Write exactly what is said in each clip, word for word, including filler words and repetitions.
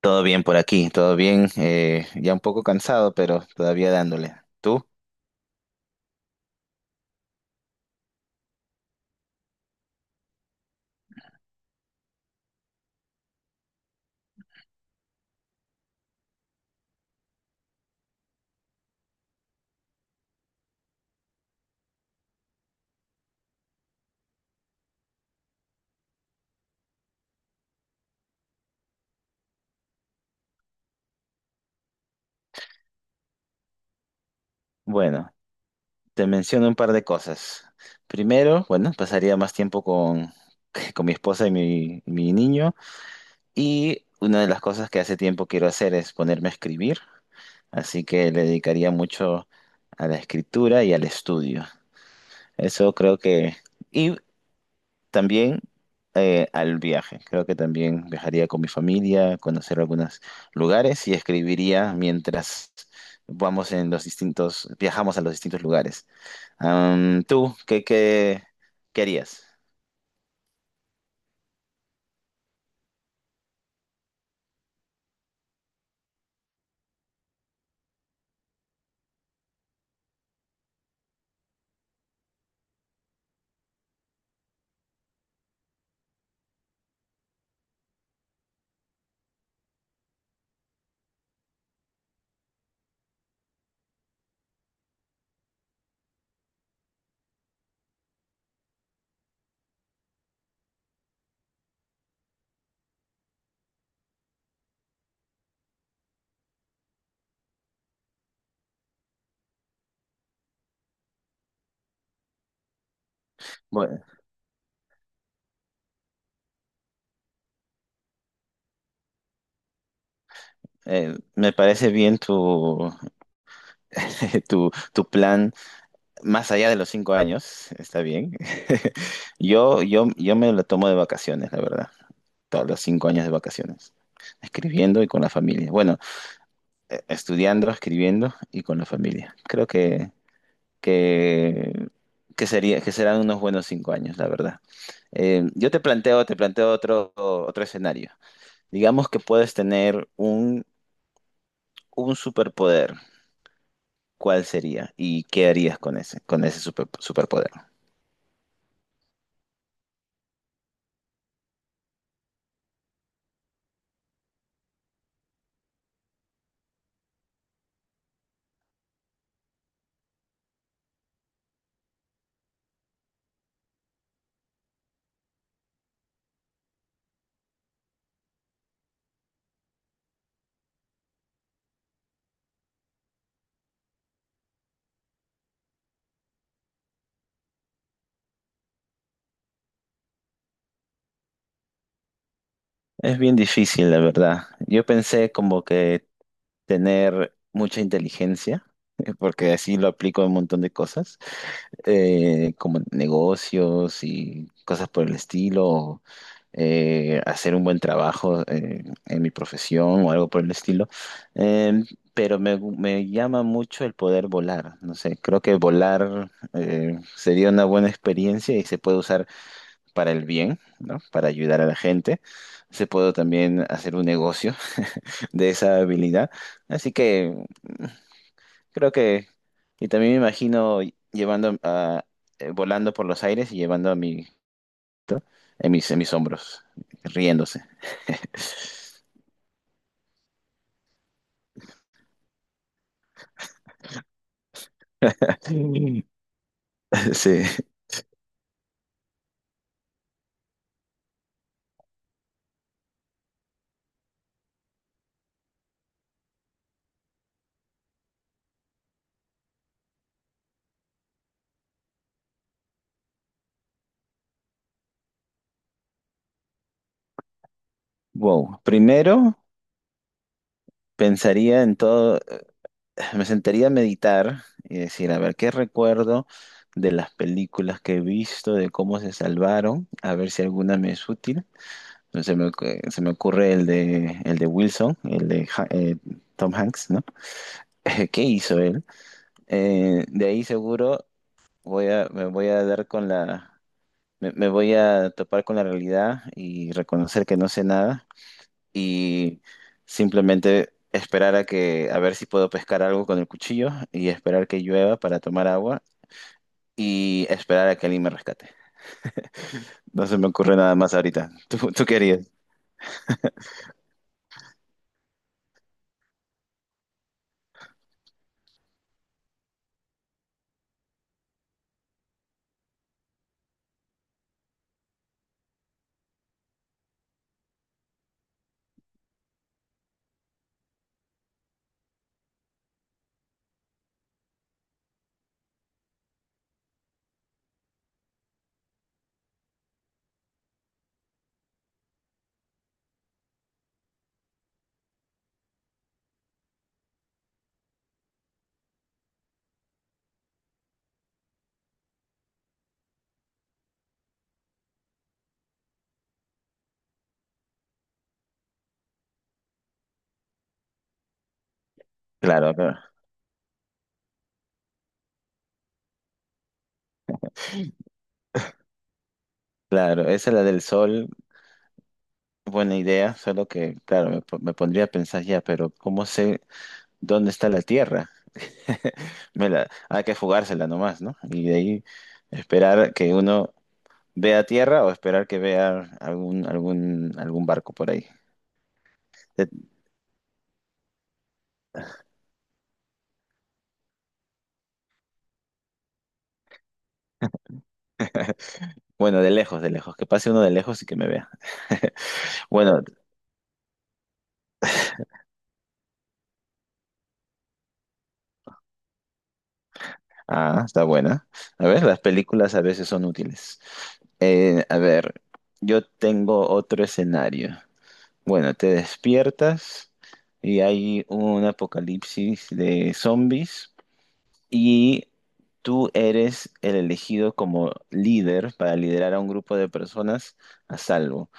Todo bien por aquí, todo bien. eh, ya un poco cansado, pero todavía dándole. ¿Tú? Bueno, te menciono un par de cosas. Primero, bueno, pasaría más tiempo con, con mi esposa y mi, mi niño. Y una de las cosas que hace tiempo quiero hacer es ponerme a escribir. Así que le dedicaría mucho a la escritura y al estudio. Eso creo que. Y también eh, al viaje. Creo que también viajaría con mi familia, conocer algunos lugares y escribiría mientras vamos en los distintos, viajamos a los distintos lugares. Am, ¿tú qué, qué, qué harías? Bueno, eh, me parece bien tu, tu, tu plan más allá de los cinco años, está bien. Yo, yo, yo me lo tomo de vacaciones, la verdad. Todos los cinco años de vacaciones escribiendo y con la familia. Bueno, eh, estudiando, escribiendo y con la familia. Creo que, que, que sería, que serán unos buenos cinco años, la verdad. Eh, yo te planteo, te planteo otro, otro escenario. Digamos que puedes tener un, un superpoder. ¿Cuál sería? ¿Y qué harías con ese, con ese super- superpoder? Es bien difícil, la verdad. Yo pensé como que tener mucha inteligencia, porque así lo aplico a un montón de cosas, eh, como negocios y cosas por el estilo, eh, hacer un buen trabajo eh, en mi profesión o algo por el estilo. Eh, pero me, gu- me llama mucho el poder volar. No sé, creo que volar eh, sería una buena experiencia y se puede usar para el bien, ¿no? Para ayudar a la gente. Se puede también hacer un negocio de esa habilidad. Así que creo que, y también me imagino llevando a, eh, volando por los aires y llevando a mi, en mis, en mis hombros, riéndose. Sí. Sí. Wow. Primero pensaría en todo, eh, me sentaría a meditar y decir, a ver, ¿qué recuerdo de las películas que he visto, de cómo se salvaron? A ver si alguna me es útil. Entonces se me, ocu- se me ocurre el de, el de Wilson, el de Ha- eh, Tom Hanks, ¿no? ¿Qué hizo él? Eh, de ahí seguro voy a, me voy a dar con la, me, me voy a topar con la realidad y reconocer que no sé nada y simplemente esperar a que, a ver si puedo pescar algo con el cuchillo y esperar que llueva para tomar agua y esperar a que alguien me rescate. No se me ocurre nada más ahorita. ¿Tú, tú querías? Claro, claro. Claro, esa es la del sol, buena idea, solo que, claro, me, po- me pondría a pensar ya, pero ¿cómo sé dónde está la Tierra? Vela, hay que jugársela nomás, ¿no? Y de ahí esperar que uno vea tierra o esperar que vea algún, algún, algún barco por ahí. De- bueno, de lejos, de lejos, que pase uno de lejos y que me vea. Bueno, ah, está buena. A ver, las películas a veces son útiles. Eh, a ver, yo tengo otro escenario. Bueno, te despiertas y hay un apocalipsis de zombies. Y tú eres el elegido como líder para liderar a un grupo de personas a salvo.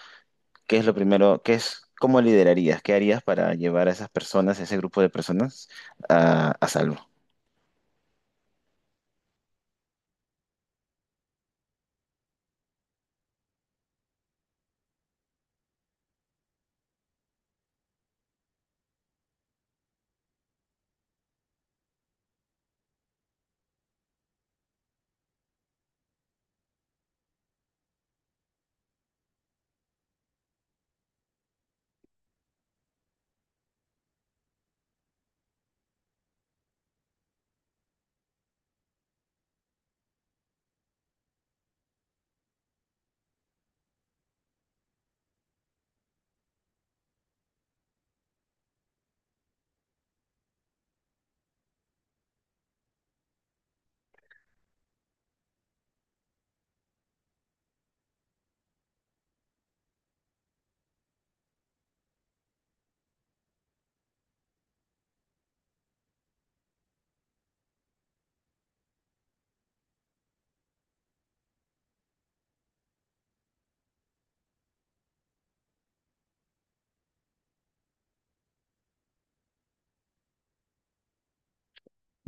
¿Qué es lo primero? ¿Qué es, cómo liderarías? ¿Qué harías para llevar a esas personas, a ese grupo de personas, a, a salvo?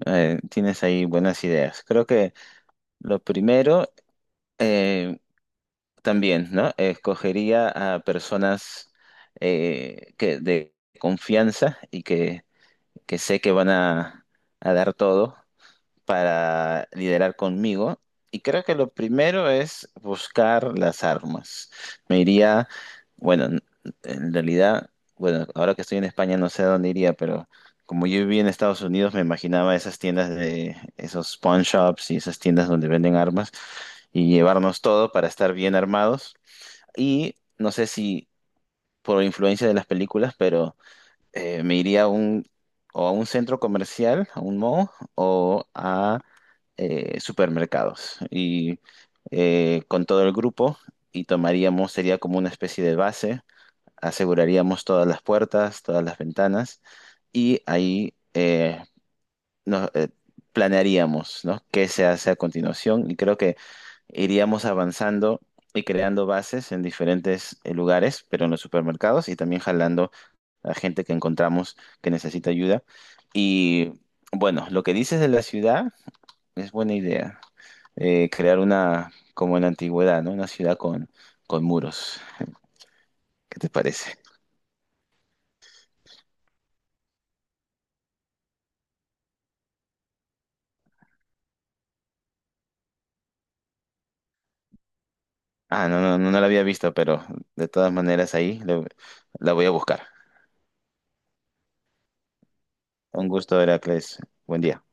Eh, tienes ahí buenas ideas. Creo que lo primero eh, también, ¿no? Escogería a personas eh, que de confianza y que, que sé que van a, a dar todo para liderar conmigo. Y creo que lo primero es buscar las armas. Me iría, bueno, n- en realidad, bueno, ahora que estoy en España no sé a dónde iría, pero como yo viví en Estados Unidos me imaginaba esas tiendas de esos pawn shops y esas tiendas donde venden armas y llevarnos todo para estar bien armados. Y no sé si por influencia de las películas, pero eh, me iría a un, o a un centro comercial, a un mall, o a eh, supermercados y eh, con todo el grupo y tomaríamos, sería como una especie de base, aseguraríamos todas las puertas, todas las ventanas y ahí eh, nos, eh, planearíamos, ¿no? Qué se hace a continuación y creo que iríamos avanzando y creando bases en diferentes eh, lugares, pero en los supermercados y también jalando a gente que encontramos que necesita ayuda. Y bueno, lo que dices de la ciudad es buena idea. Eh, crear una, como en la antigüedad, ¿no? Una ciudad con, con muros. ¿Qué te parece? Ah, no, no, no, no la había visto, pero de todas maneras ahí le- la voy a buscar. Un gusto, Heracles. Buen día.